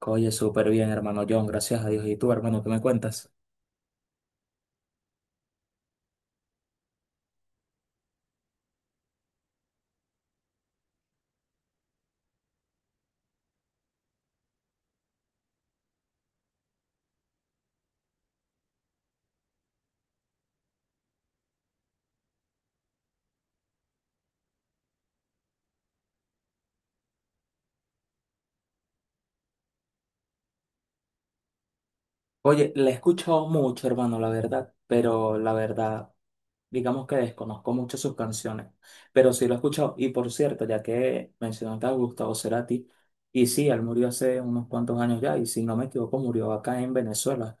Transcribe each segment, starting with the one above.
Oye, súper bien, hermano John, gracias a Dios. ¿Y tú, hermano, qué me cuentas? Oye, la he escuchado mucho, hermano, la verdad, pero la verdad, digamos que desconozco mucho sus canciones, pero sí lo he escuchado. Y por cierto, ya que mencionaste a Gustavo Cerati, y sí, él murió hace unos cuantos años ya, y si no me equivoco, murió acá en Venezuela.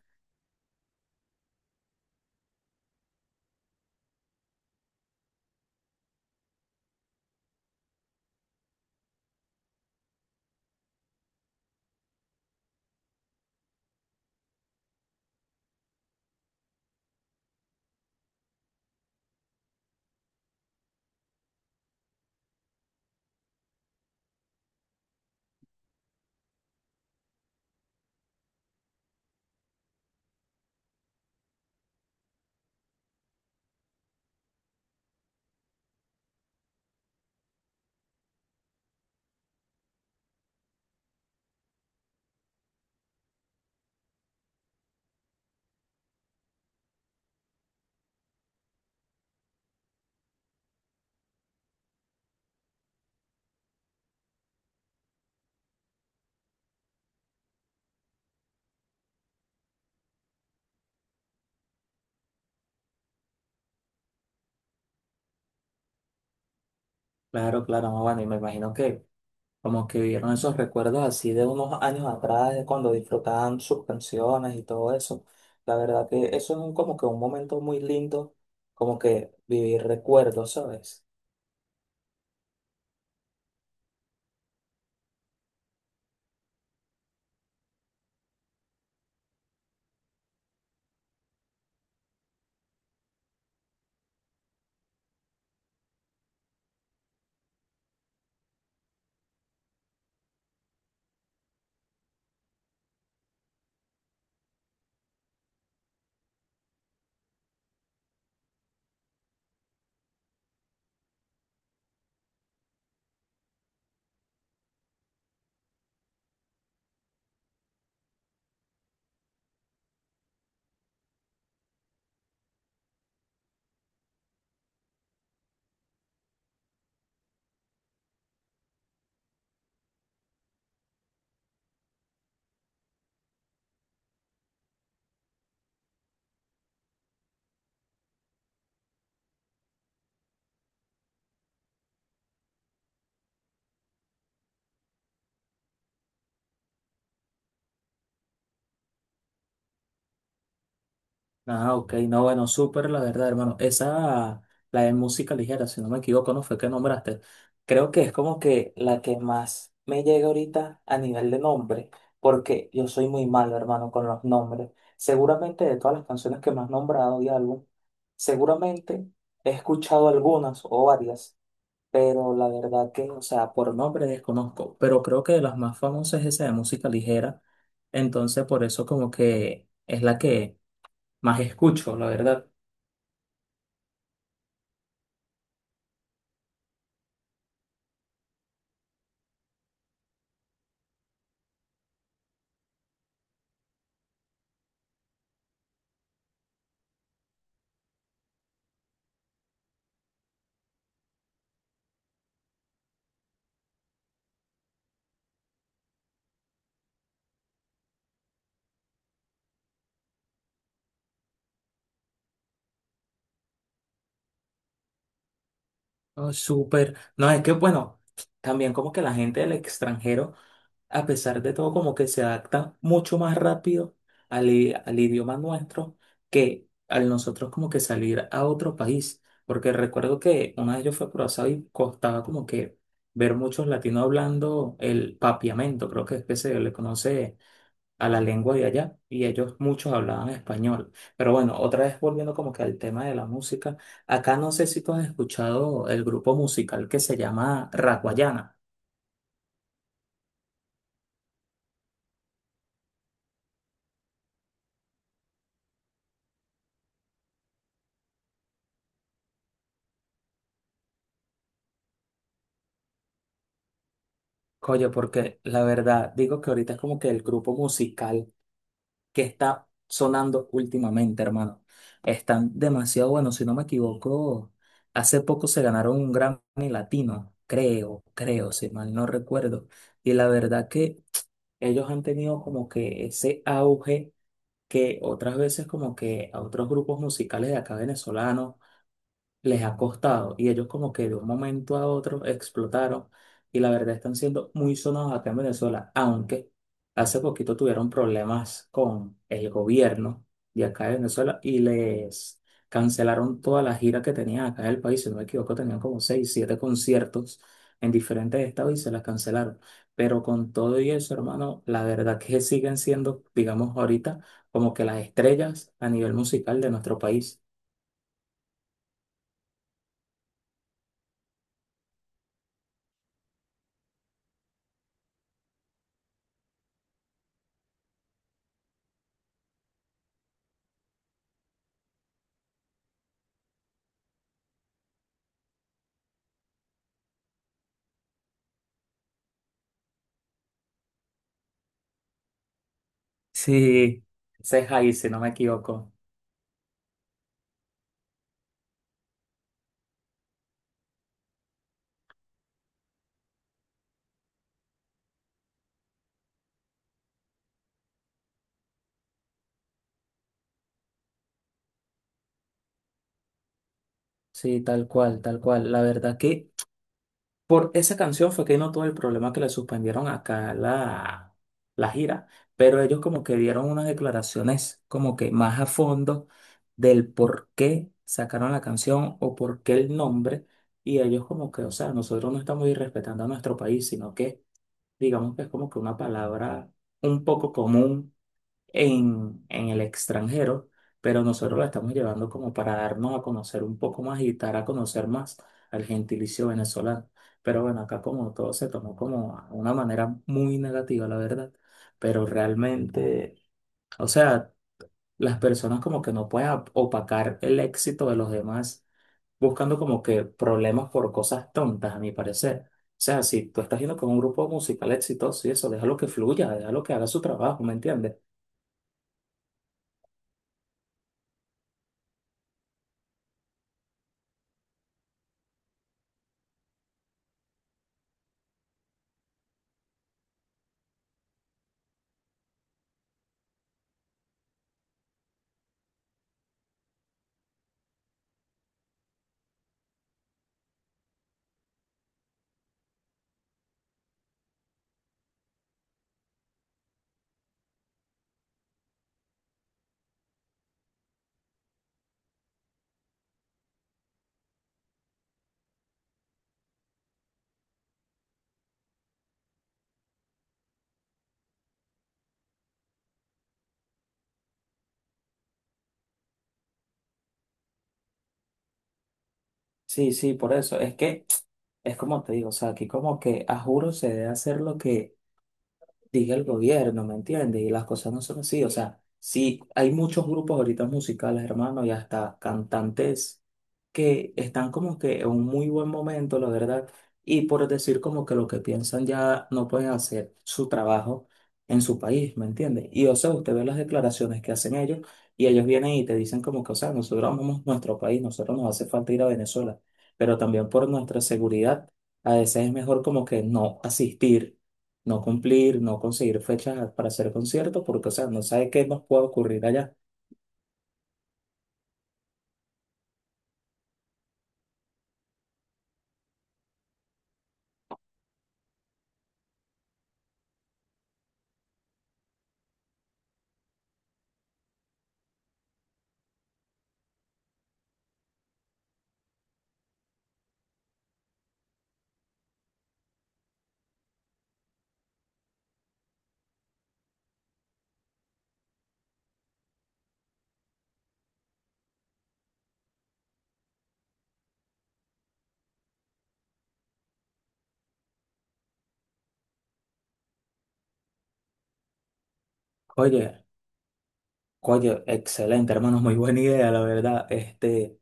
Claro, claro, no, bueno, y me imagino que como que vivieron esos recuerdos así de unos años atrás, de cuando disfrutaban sus canciones y todo eso. La verdad que eso es como que un momento muy lindo, como que vivir recuerdos, ¿sabes? Ah, ok, no, bueno, súper, la verdad, hermano. Esa, la de música ligera, si no me equivoco, no fue que nombraste. Creo que es como que la que más me llega ahorita a nivel de nombre, porque yo soy muy malo, hermano, con los nombres. Seguramente de todas las canciones que me has nombrado y álbum, seguramente he escuchado algunas o varias, pero la verdad que, o sea, por nombre desconozco, pero creo que de las más famosas es esa de música ligera, entonces por eso como que es la que más escucho, la verdad. No, súper. No, es que bueno, también como que la gente del extranjero, a pesar de todo, como que se adapta mucho más rápido al idioma nuestro que al nosotros como que salir a otro país. Porque recuerdo que una vez yo fui a Curazao y costaba como que ver muchos latinos hablando el papiamento, creo que es que se le conoce a la lengua de allá y ellos muchos hablaban español. Pero bueno, otra vez volviendo como que al tema de la música, acá no sé si tú has escuchado el grupo musical que se llama Raguayana. Oye, porque la verdad digo que ahorita es como que el grupo musical que está sonando últimamente, hermano. Están demasiado buenos, si no me equivoco, hace poco se ganaron un Grammy Latino, creo, creo, si mal no recuerdo. Y la verdad que ellos han tenido como que ese auge que otras veces como que a otros grupos musicales de acá venezolanos les ha costado y ellos como que de un momento a otro explotaron y la verdad están siendo muy sonados acá en Venezuela, aunque hace poquito tuvieron problemas con el gobierno de acá de Venezuela y les cancelaron toda la gira que tenían acá en el país, si no me equivoco, tenían como 6, 7 conciertos en diferentes estados y se las cancelaron. Pero con todo y eso, hermano, la verdad que siguen siendo, digamos ahorita, como que las estrellas a nivel musical de nuestro país. Sí, ese es ahí, si no me equivoco. Sí, tal cual, tal cual. La verdad que por esa canción fue que no tuvo el problema que le suspendieron acá la gira, pero ellos como que dieron unas declaraciones como que más a fondo del por qué sacaron la canción o por qué el nombre, y ellos como que, o sea, nosotros no estamos irrespetando a nuestro país, sino que digamos que es como que una palabra un poco común en el extranjero, pero nosotros la estamos llevando como para darnos a conocer un poco más y dar a conocer más al gentilicio venezolano. Pero bueno, acá como todo se tomó como a una manera muy negativa, la verdad, pero realmente, o sea, las personas como que no pueden opacar el éxito de los demás buscando como que problemas por cosas tontas, a mi parecer. O sea, si tú estás yendo con un grupo musical exitoso y eso, déjalo que fluya, déjalo que haga su trabajo, ¿me entiendes? Sí, sí, por eso. Es que es como te digo, o sea, aquí como que a juro se debe hacer lo que diga el gobierno, ¿me entiendes? Y las cosas no son así. O sea, sí, hay muchos grupos ahorita musicales, hermano, y hasta cantantes que están como que en un muy buen momento, la verdad, y por decir como que lo que piensan ya no pueden hacer su trabajo en su país, ¿me entiendes? Y o sea, usted ve las declaraciones que hacen ellos y ellos vienen y te dicen como que, o sea, nosotros amamos nuestro país, nosotros nos hace falta ir a Venezuela, pero también por nuestra seguridad, a veces es mejor como que no asistir no cumplir, no conseguir fechas para hacer conciertos, porque, o sea, no sabe qué más puede ocurrir allá. Oye, oye, excelente, hermano, muy buena idea, la verdad. Este,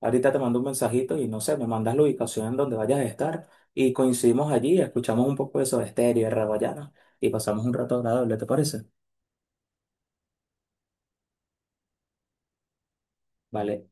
ahorita te mando un mensajito y no sé, me mandas la ubicación en donde vayas a estar y coincidimos allí, escuchamos un poco de Soda Stereo y de Rawayana y pasamos un rato agradable, ¿te parece? Vale.